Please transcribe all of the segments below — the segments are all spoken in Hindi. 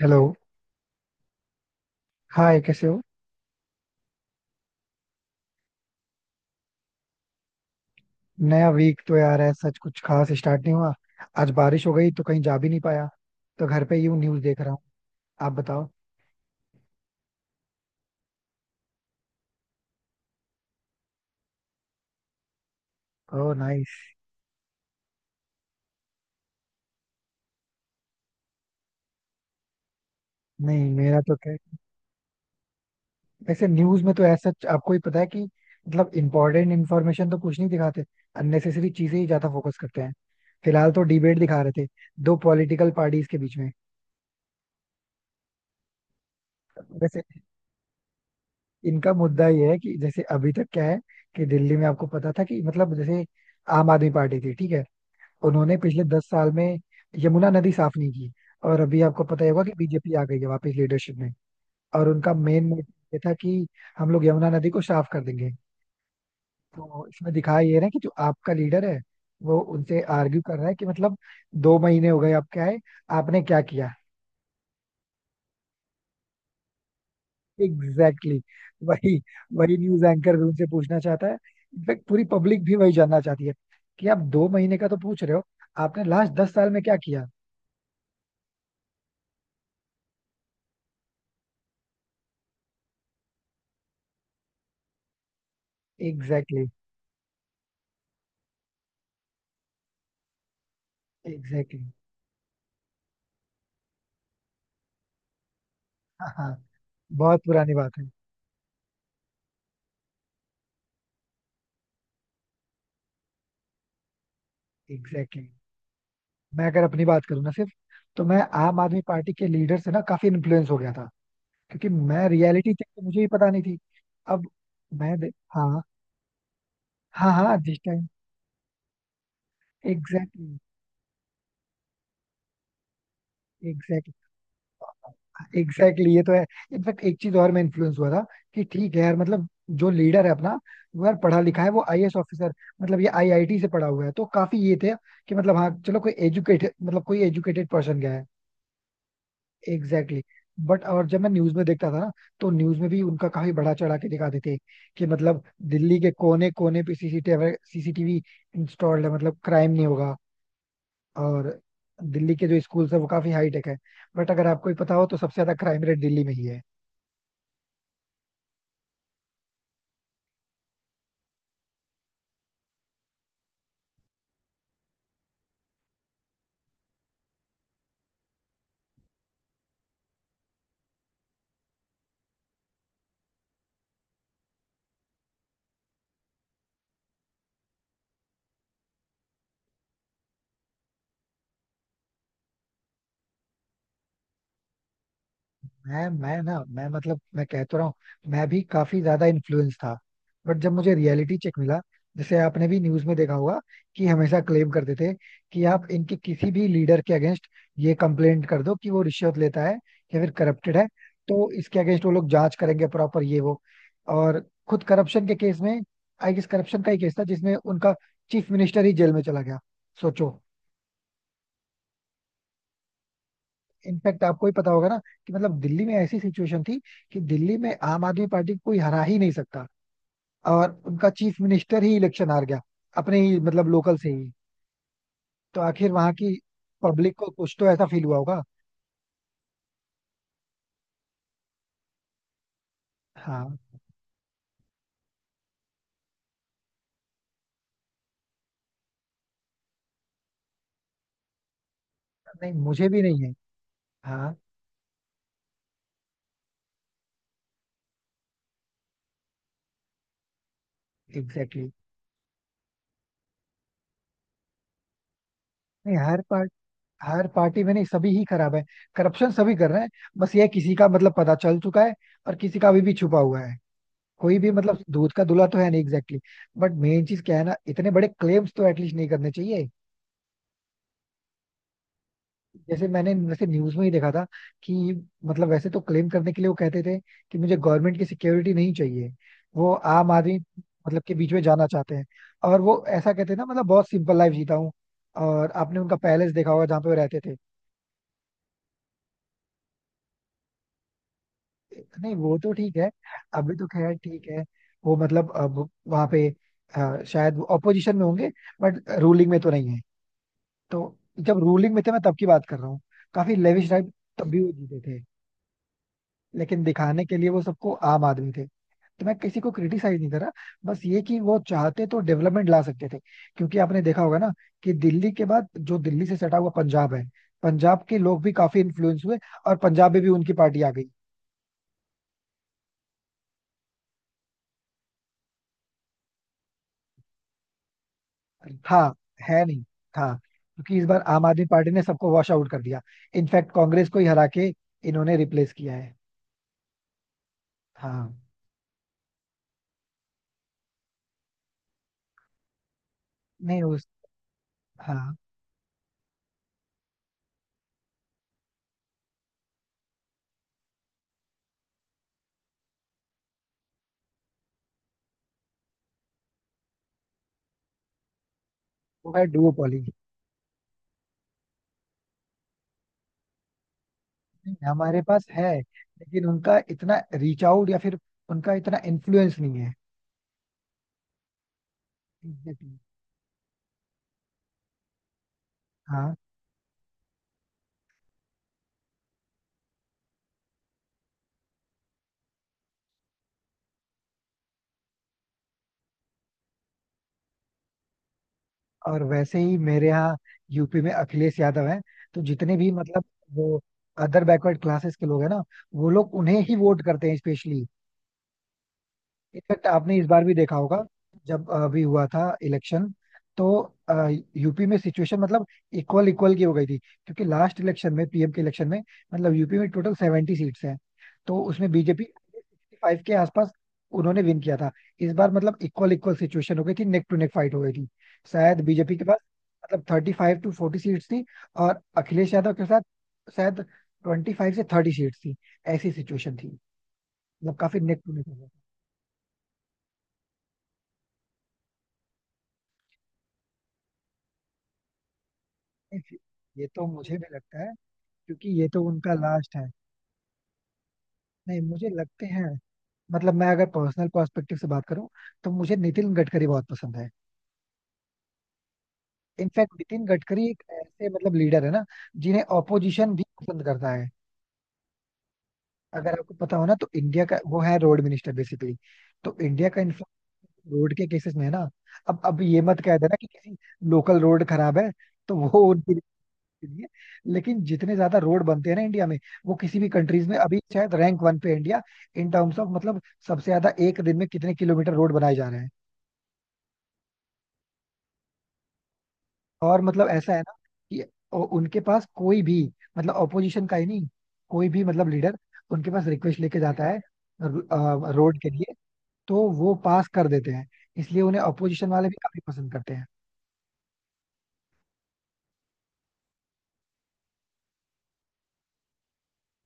हेलो. हाय, कैसे हो? नया वीक तो यार है, सच कुछ खास स्टार्ट नहीं हुआ. आज बारिश हो गई तो कहीं जा भी नहीं पाया, तो घर पे यूं न्यूज देख रहा हूँ. आप बताओ. ओह, नाइस. नहीं मेरा तो क्या. वैसे न्यूज में तो ऐसा सच आपको ही पता है कि मतलब इम्पोर्टेंट इन्फॉर्मेशन तो कुछ नहीं दिखाते, अननेसेसरी चीजें ही ज्यादा फोकस करते हैं. फिलहाल तो डिबेट दिखा रहे थे, दो पॉलिटिकल पार्टीज के बीच में. वैसे इनका मुद्दा ये है कि जैसे अभी तक क्या है कि दिल्ली में आपको पता था कि मतलब जैसे आम आदमी पार्टी थी, ठीक है. उन्होंने पिछले 10 साल में यमुना नदी साफ नहीं की. और अभी आपको पता ही होगा कि बीजेपी आ गई है वापस लीडरशिप में. और उनका मेन मोटिव ये था कि हम लोग यमुना नदी को साफ कर देंगे. तो इसमें दिखाया ये रहा है कि जो आपका लीडर है, वो उनसे आर्ग्यू कर रहा है कि मतलब 2 महीने हो गए, आप क्या है, आपने क्या किया? Exactly exactly. वही, वही न्यूज एंकर भी उनसे पूछना चाहता है. इनफैक्ट पूरी पब्लिक भी वही जानना चाहती है कि आप 2 महीने का तो पूछ रहे हो, आपने लास्ट 10 साल में क्या किया? Exactly exactly, exactly exactly. हाँ, हाँ, बहुत पुरानी बात है. Exactly exactly. मैं अगर अपनी बात करूँ ना सिर्फ, तो मैं आम आदमी पार्टी के लीडर से ना काफी इन्फ्लुएंस हो गया था, क्योंकि मैं रियलिटी चेक तो मुझे ही पता नहीं थी. अब मैं दे... हाँ, हाँ, हाँ जिस टाइम. एग्जैक्टली, एग्जैक्टली, एग्जैक्टली ये तो है. इनफैक्ट एक चीज और मैं इन्फ्लुएंस हुआ था कि ठीक है यार, मतलब जो लीडर है अपना, वो यार पढ़ा लिखा है, वो आईएएस ऑफिसर, मतलब ये आईआईटी से पढ़ा हुआ है, तो काफी ये थे कि मतलब हाँ चलो, कोई एजुकेटेड, मतलब कोई एजुकेटेड पर्सन गया है. Exactly exactly. बट और जब मैं न्यूज में देखता था ना, तो न्यूज में भी उनका काफी बढ़ा चढ़ा के दिखाते थे कि मतलब दिल्ली के कोने कोने पे सीसीटीवी, सीसीटीवी इंस्टॉल्ड है, मतलब क्राइम नहीं होगा. और दिल्ली के जो स्कूल्स है वो काफी हाई टेक है. बट अगर आपको ही पता हो तो सबसे ज्यादा क्राइम रेट दिल्ली में ही है. मैं मतलब मैं कह तो रहा हूँ, मैं भी काफी ज्यादा इन्फ्लुएंस था. बट जब मुझे रियलिटी चेक मिला, जैसे आपने भी न्यूज में देखा होगा कि हमेशा क्लेम करते थे कि आप इनके किसी भी लीडर के अगेंस्ट ये कंप्लेंट कर दो कि वो रिश्वत लेता है या फिर करप्टेड है, तो इसके अगेंस्ट वो लोग जांच करेंगे प्रॉपर ये वो. और खुद करप्शन के केस में, आई गेस करप्शन का ही केस था जिसमें उनका चीफ मिनिस्टर ही जेल में चला गया. सोचो. इनफैक्ट आपको ही पता होगा ना कि मतलब दिल्ली में ऐसी सिचुएशन थी कि दिल्ली में आम आदमी पार्टी को कोई हरा ही नहीं सकता, और उनका चीफ मिनिस्टर ही इलेक्शन हार गया, अपने ही मतलब लोकल से ही. तो आखिर वहां की पब्लिक को कुछ तो ऐसा फील हुआ होगा. हाँ. नहीं मुझे भी नहीं है. हाँ. Exactly exactly. नहीं हर पार्ट हर पार्टी में नहीं, सभी ही खराब है. करप्शन सभी कर रहे हैं, बस ये किसी का मतलब पता चल चुका है और किसी का अभी भी छुपा हुआ है. कोई भी मतलब दूध का दूल्हा तो है नहीं एग्जैक्टली exactly. बट मेन चीज क्या है ना, इतने बड़े क्लेम्स तो एटलीस्ट नहीं करने चाहिए. जैसे मैंने वैसे न्यूज में ही देखा था कि मतलब वैसे तो क्लेम करने के लिए वो कहते थे कि मुझे गवर्नमेंट की सिक्योरिटी नहीं चाहिए, वो आम आदमी मतलब के बीच में जाना चाहते हैं. और वो ऐसा कहते हैं ना, मतलब बहुत सिंपल लाइफ जीता हूँ. और आपने उनका पैलेस देखा होगा जहाँ पे वो रहते थे. नहीं वो तो ठीक है, अभी तो खैर ठीक है. वो मतलब अब वहाँ पे शायद ऑपोजिशन में होंगे, बट रूलिंग में तो नहीं है. तो जब रूलिंग में थे, मैं तब की बात कर रहा हूँ. काफी लेविश लाइफ तब भी वो जीते थे, लेकिन दिखाने के लिए वो सबको आम आदमी थे. तो मैं किसी को क्रिटिसाइज नहीं कर रहा, बस ये कि वो चाहते तो डेवलपमेंट ला सकते थे. क्योंकि आपने देखा होगा ना कि दिल्ली के बाद जो दिल्ली से सटा हुआ पंजाब है, पंजाब के लोग भी काफी इन्फ्लुएंस हुए और पंजाब में भी उनकी पार्टी आ गई. हाँ. है नहीं. हाँ, क्योंकि इस बार आम आदमी पार्टी ने सबको वॉश आउट कर दिया. इनफैक्ट कांग्रेस को ही हरा के इन्होंने रिप्लेस किया है. हाँ. नहीं उस हाँ, वो है डुओपोली. नहीं, हमारे पास है लेकिन उनका इतना रीच आउट या फिर उनका इतना इन्फ्लुएंस नहीं है. एग्जैक्टली. हाँ. और वैसे ही मेरे यहाँ यूपी में अखिलेश यादव हैं. तो जितने भी मतलब वो अदर बैकवर्ड क्लासेस के लोग हैं ना, वो लोग उन्हें ही वोट करते हैं स्पेशली. इनफैक्ट आपने इस बार भी देखा होगा जब अभी हुआ था इलेक्शन, तो यूपी में सिचुएशन मतलब इक्वल इक्वल की हो गई थी, क्योंकि लास्ट इलेक्शन में पीएम के इलेक्शन में, मतलब यूपी में टोटल 70 सीट्स हैं, तो उसमें बीजेपी 65 के आसपास उन्होंने विन किया था. इस बार मतलब इक्वल इक्वल सिचुएशन हो गई थी, नेक टू नेक फाइट हो गई थी. शायद बीजेपी के पास मतलब 35-40 सीट्स थी और अखिलेश यादव के साथ शायद 25-30 सीट्स थी. ऐसी सिचुएशन थी, मतलब काफी नेक टू नेक हो गया. नहीं, ये तो मुझे भी लगता है, क्योंकि ये तो उनका लास्ट है. नहीं मुझे लगते हैं, मतलब मैं अगर पर्सनल पर्सपेक्टिव से बात करूं, तो मुझे नितिन गडकरी बहुत पसंद है. इनफैक्ट नितिन गडकरी एक ऐसे मतलब लीडर है ना, जिन्हें ऑपोजिशन भी पसंद करता है. अगर आपको पता हो ना, तो इंडिया का वो है रोड मिनिस्टर बेसिकली. तो इंडिया का इन्फ्लुएंस रोड के केसेस में है ना. अब ये मत कह देना कि किसी लोकल रोड खराब है तो वो उनकी के लिए. लेकिन जितने ज्यादा रोड बनते हैं ना इंडिया में, वो किसी भी कंट्रीज में अभी शायद रैंक 1 पे है इंडिया. इन टर्म्स ऑफ मतलब सबसे ज्यादा एक दिन में कितने किलोमीटर रोड बनाए जा रहे हैं. और मतलब ऐसा है ना कि उनके पास कोई भी मतलब ऑपोजिशन का ही नहीं, कोई भी मतलब लीडर उनके पास रिक्वेस्ट लेके जाता है रोड के लिए, तो वो पास कर देते हैं. इसलिए उन्हें ऑपोजिशन वाले भी काफी पसंद करते हैं.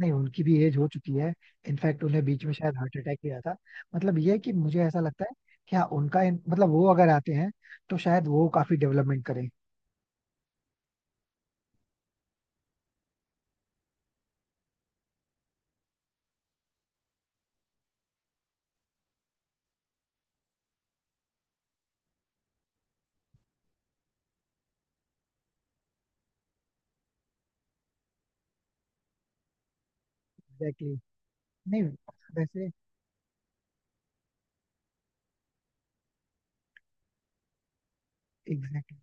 नहीं उनकी भी एज हो चुकी है. इनफैक्ट उन्हें बीच में शायद हार्ट अटैक भी आया था. मतलब ये है कि मुझे ऐसा लगता है कि हाँ उनका मतलब वो अगर आते हैं तो शायद वो काफी डेवलपमेंट करें. Exactly exactly. नहीं. वैसे एग्जैक्टली.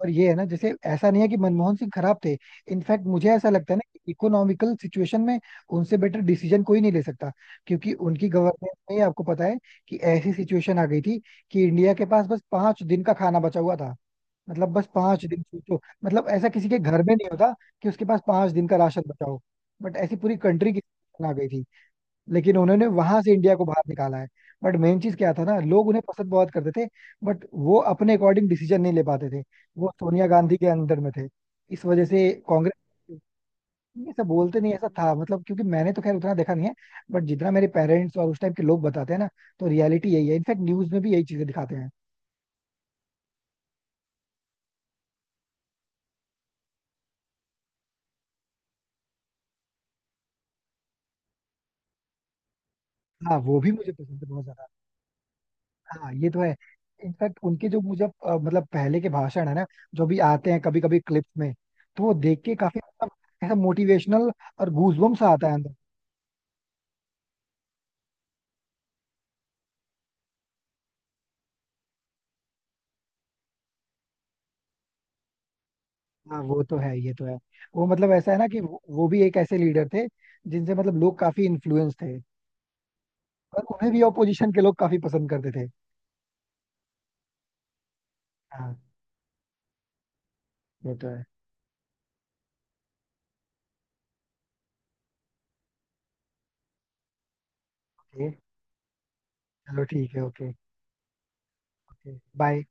और ये है ना, जैसे ऐसा नहीं है कि मनमोहन सिंह खराब थे. इनफैक्ट मुझे ऐसा लगता है ना कि इकोनॉमिकल सिचुएशन में उनसे बेटर डिसीजन कोई नहीं ले सकता. क्योंकि उनकी गवर्नमेंट में आपको पता है कि ऐसी सिचुएशन आ गई थी कि इंडिया के पास बस 5 दिन का खाना बचा हुआ था. मतलब बस पांच दिन, सोचो, मतलब ऐसा किसी के घर में नहीं होता कि उसके पास 5 दिन का राशन बचा हो. बट ऐसी पूरी कंट्री की situation आ गई थी. लेकिन उन्होंने वहां से इंडिया को बाहर निकाला है. बट मेन चीज क्या था ना, लोग उन्हें पसंद बहुत करते थे, बट वो अपने अकॉर्डिंग डिसीजन नहीं ले पाते थे. वो सोनिया गांधी के अंदर में थे, इस वजह से कांग्रेस. ये सब बोलते नहीं, ऐसा था मतलब, क्योंकि मैंने तो खैर उतना देखा नहीं है. बट जितना मेरे पेरेंट्स और उस टाइम के लोग बताते हैं ना, तो रियलिटी यही है. इनफैक्ट न्यूज में भी यही चीजें दिखाते हैं. हाँ, वो भी मुझे पसंद है बहुत ज्यादा. हाँ ये तो है. इनफैक्ट उनके जो मुझे मतलब पहले के भाषण है ना, जो भी आते हैं कभी कभी क्लिप्स में, तो वो देख के काफी मतलब ऐसा मोटिवेशनल और गूजबम्स आता है अंदर. हाँ वो तो है, ये तो है. वो मतलब ऐसा है ना कि वो भी एक ऐसे लीडर थे, जिनसे मतलब लोग काफी इन्फ्लुएंस थे और उन्हें भी ऑपोजिशन के लोग काफी पसंद करते थे. हाँ. ये तो है. ओके. चलो, ठीक है. ओके. Okay, bye.